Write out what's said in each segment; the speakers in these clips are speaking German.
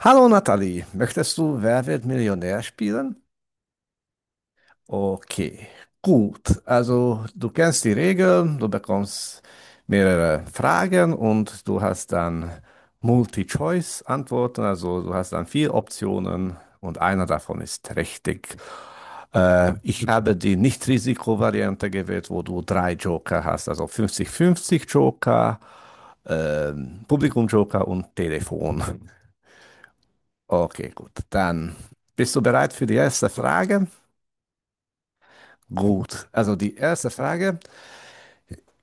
Hallo Nathalie, möchtest du Wer wird Millionär spielen? Okay, gut. Also du kennst die Regeln, du bekommst mehrere Fragen und du hast dann Multi-Choice-Antworten, also du hast dann vier Optionen und einer davon ist richtig. Ich habe die Nicht-Risiko-Variante gewählt, wo du drei Joker hast, also fünfzig-fünfzig Joker, Publikum-Joker und Telefon. Okay, gut. Dann bist du bereit für die erste Frage? Gut. Also die erste Frage.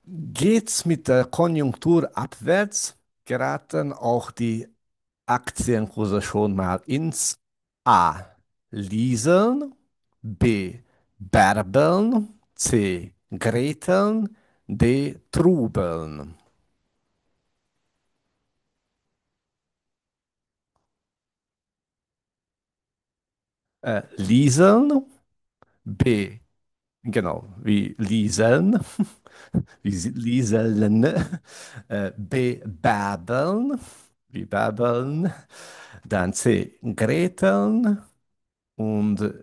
Geht's mit der Konjunktur abwärts? Geraten auch die Aktienkurse schon mal ins A. Lieseln, B. Bärbeln, C. Greteln, D. Trubeln. Lieseln, B. Genau, wie lieseln, wie lieseln, bebabbeln, wie babbeln, dann C, greteln und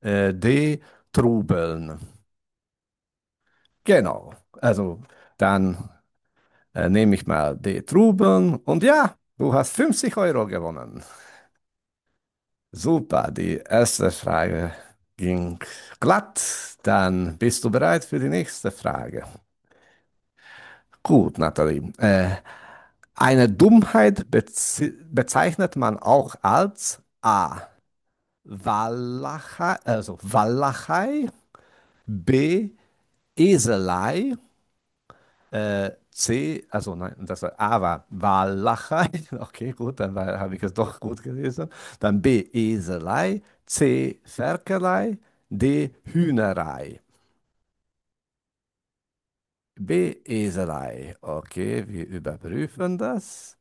D, trubeln. Genau, also dann nehme ich mal D, trubeln und ja, du hast 50 Euro gewonnen. Super, die erste Frage ging glatt. Dann bist du bereit für die nächste Frage. Gut, Nathalie. Eine Dummheit bezeichnet man auch als A. Wallachei, also Wallachei, B. Eselei, C. Also nein, das war A war Wallachei. Okay, gut, habe ich es doch gut gelesen. Dann B. Eselei, C. Ferkelei, D. Hühnerei. B. Eselei. Okay, wir überprüfen das.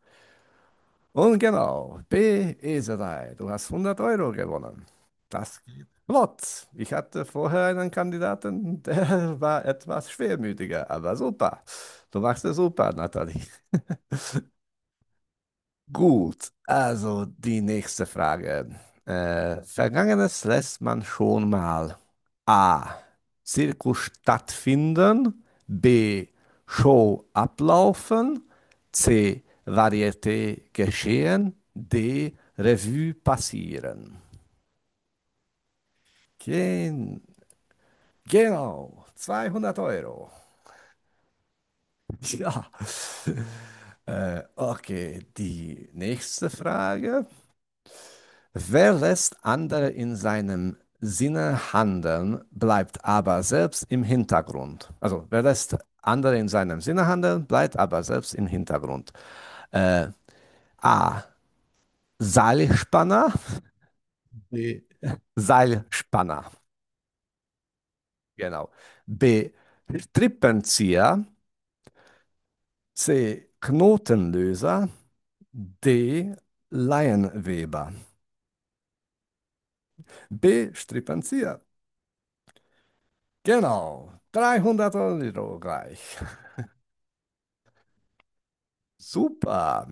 Und genau, B Beeserei, du hast 100 Euro gewonnen. Das geht flott. Ich hatte vorher einen Kandidaten, der war etwas schwermütiger, aber super. Du machst es super, Nathalie. Gut, also die nächste Frage. Vergangenes lässt man schon mal A. Zirkus stattfinden, B. Show ablaufen, C. Varieté geschehen, D. Revue passieren. Gen genau, 200 Euro. Ja, okay, die nächste Frage. Wer lässt andere in seinem Sinne handeln, bleibt aber selbst im Hintergrund. Also wer lässt andere in seinem Sinne handeln, bleibt aber selbst im Hintergrund. Äh, A. Seilspanner. B. Seilspanner. Genau. B. Strippenzieher. C. Knotenlöser. D. Laienweber. B. Strippenzieher. Genau. 300 Euro gleich. Super.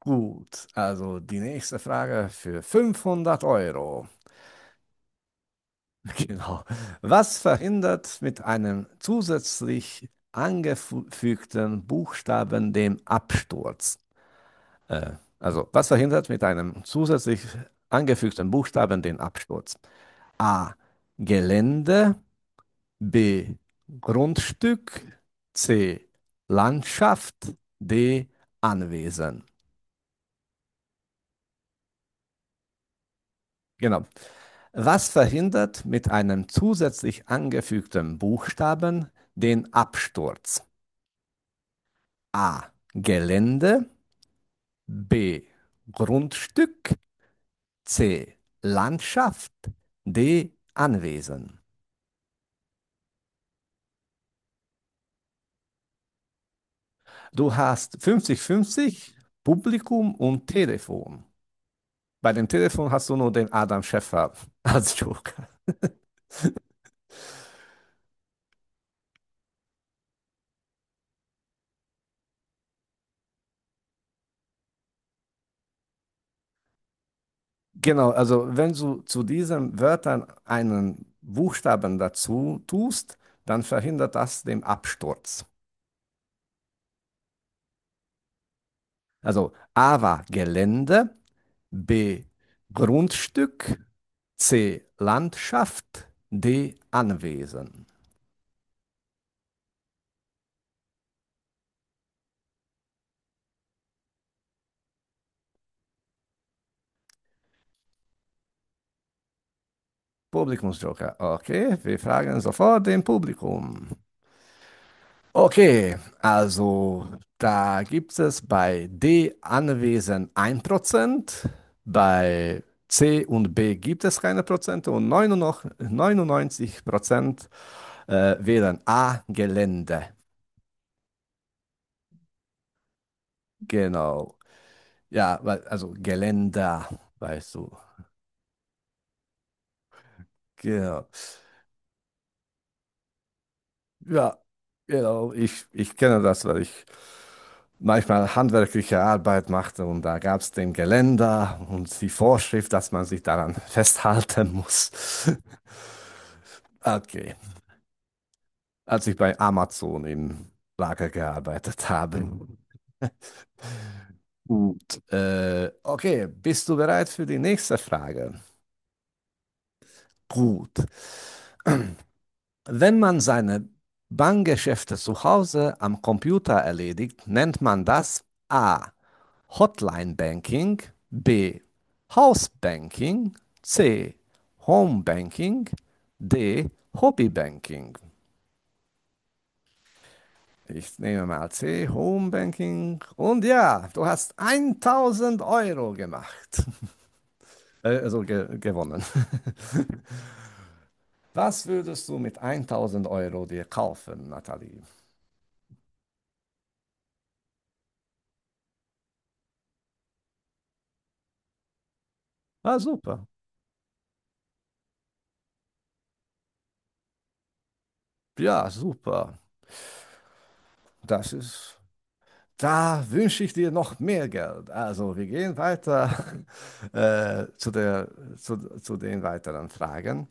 Gut, also die nächste Frage für 500 Euro. Genau. Was verhindert mit einem zusätzlich angefügten Buchstaben den Absturz? Äh, also, was verhindert mit einem zusätzlich angefügten Buchstaben den Absturz? A. Gelände. B. Grundstück. C. Landschaft. D. Anwesen. Genau. Was verhindert mit einem zusätzlich angefügten Buchstaben den Absturz? A. Gelände. B. Grundstück. C. Landschaft. D. Anwesen. Du hast fünfzig fünfzig Publikum und Telefon. Bei dem Telefon hast du nur den Adam Schäffer als Joker. Genau, also wenn du zu diesen Wörtern einen Buchstaben dazu tust, dann verhindert das den Absturz. Also A war Gelände, B Grundstück, C Landschaft, D Anwesen. Publikumsjoker. Okay, wir fragen sofort dem Publikum. Okay, also da gibt es bei D anwesend ein Prozent, bei C und B gibt es keine Prozente und 99% wählen A Gelände. Genau. Ja, weil- also Geländer, weißt du. Genau. Ja, genau. Ich kenne das, weil ich manchmal handwerkliche Arbeit machte und da gab es den Geländer und die Vorschrift, dass man sich daran festhalten muss. Okay, als ich bei Amazon im Lager gearbeitet habe. Gut, okay, bist du bereit für die nächste Frage? Gut. Wenn man seine Bankgeschäfte zu Hause am Computer erledigt, nennt man das A. Hotline Banking, B. House Banking, C. Home Banking, D. Hobby Banking. Ich nehme mal C, Home Banking. Und ja, du hast 1000 Euro gemacht. Also ge gewonnen. Was würdest du mit 1000 Euro dir kaufen, Nathalie? Ah, super. Ja, super. Das ist Da wünsche ich dir noch mehr Geld. Also, wir gehen weiter zu zu den weiteren Fragen.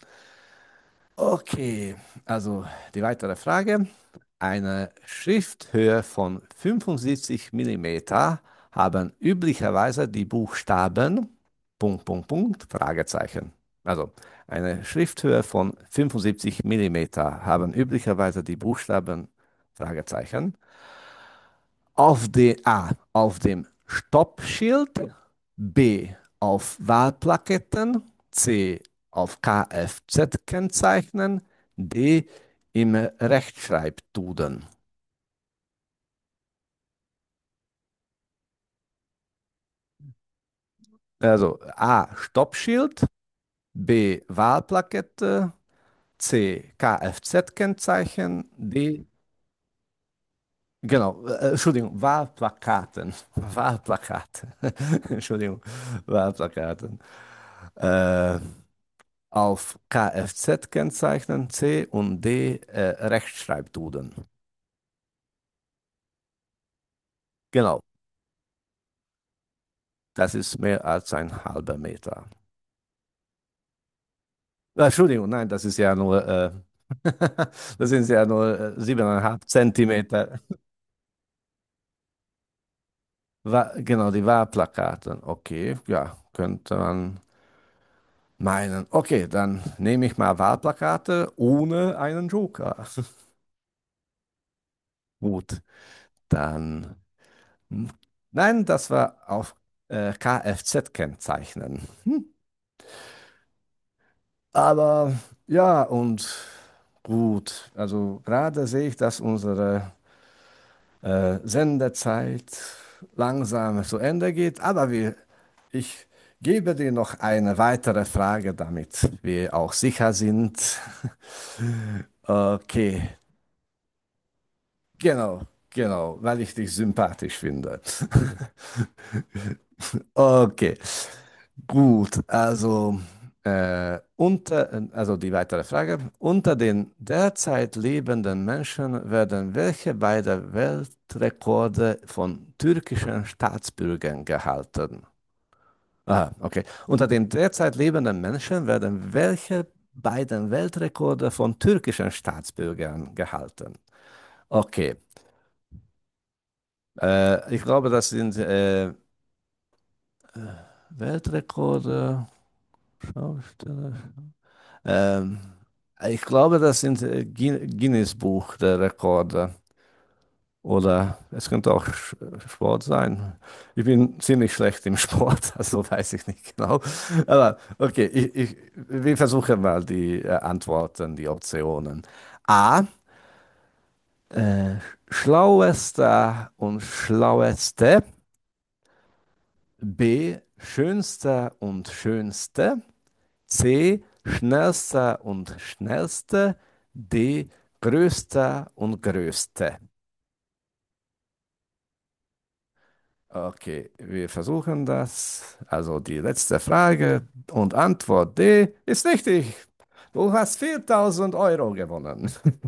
Okay, also die weitere Frage. Eine Schrifthöhe von 75 Millimeter haben üblicherweise die Buchstaben Punkt, Punkt, Punkt, Fragezeichen. Also, eine Schrifthöhe von 75 Millimeter haben üblicherweise die Buchstaben Fragezeichen. A. Auf dem Stoppschild. B. Auf Wahlplaketten. C. Auf kfz Kennzeichen, D. Im Rechtschreibduden. Also A. Stoppschild. B. Wahlplakette. C. Kfz-Kennzeichen. D. Genau, Entschuldigung, Wahlplakaten. Wahlplakaten. Entschuldigung, Wahlplakaten. Äh, auf Kfz-Kennzeichen C und D Rechtschreibduden. Genau, das ist mehr als ein halber Meter. Entschuldigung, nein, das ist ja nur, das sind ja nur siebeneinhalb Zentimeter. Wa Genau, die Wahlplakate. Okay, ja, könnte man meinen. Okay, dann nehme ich mal Wahlplakate ohne einen Joker. Gut, dann. Nein, das war auf Kfz-Kennzeichen. Aber ja, und gut, also gerade sehe ich, dass unsere Sendezeit langsam zu Ende geht, aber ich gebe dir noch eine weitere Frage, damit wir auch sicher sind. Okay, genau, genau, weil ich dich sympathisch finde. Okay. Gut, also, also die weitere Frage. Unter den derzeit lebenden Menschen werden welche beiden Weltrekorde von türkischen Staatsbürgern gehalten? Aha, okay. Unter den derzeit lebenden Menschen werden welche beiden Weltrekorde von türkischen Staatsbürgern gehalten? Okay, ich glaube, das sind Weltrekorde, Schausteller. Ähm, ich glaube, das sind Guinness Buch der Rekorde. Oder es könnte auch Sport sein. Ich bin ziemlich schlecht im Sport, also weiß ich nicht genau. Aber okay, wir versuchen mal die Antworten, die Optionen. A. Äh, schlauester und schlaueste. B. Schönster und schönste. C. Schnellster und schnellste. D. Größter und größte. Okay, wir versuchen das. Also die letzte Frage und Antwort D ist richtig. Du hast 4000 Euro gewonnen.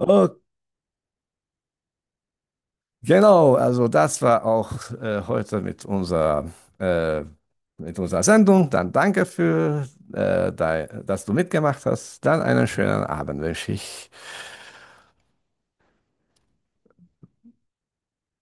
Oh, genau, also das war auch heute mit äh, mit unserer Sendung. Dann danke für, dass du mitgemacht hast. Dann einen schönen Abend wünsche ich.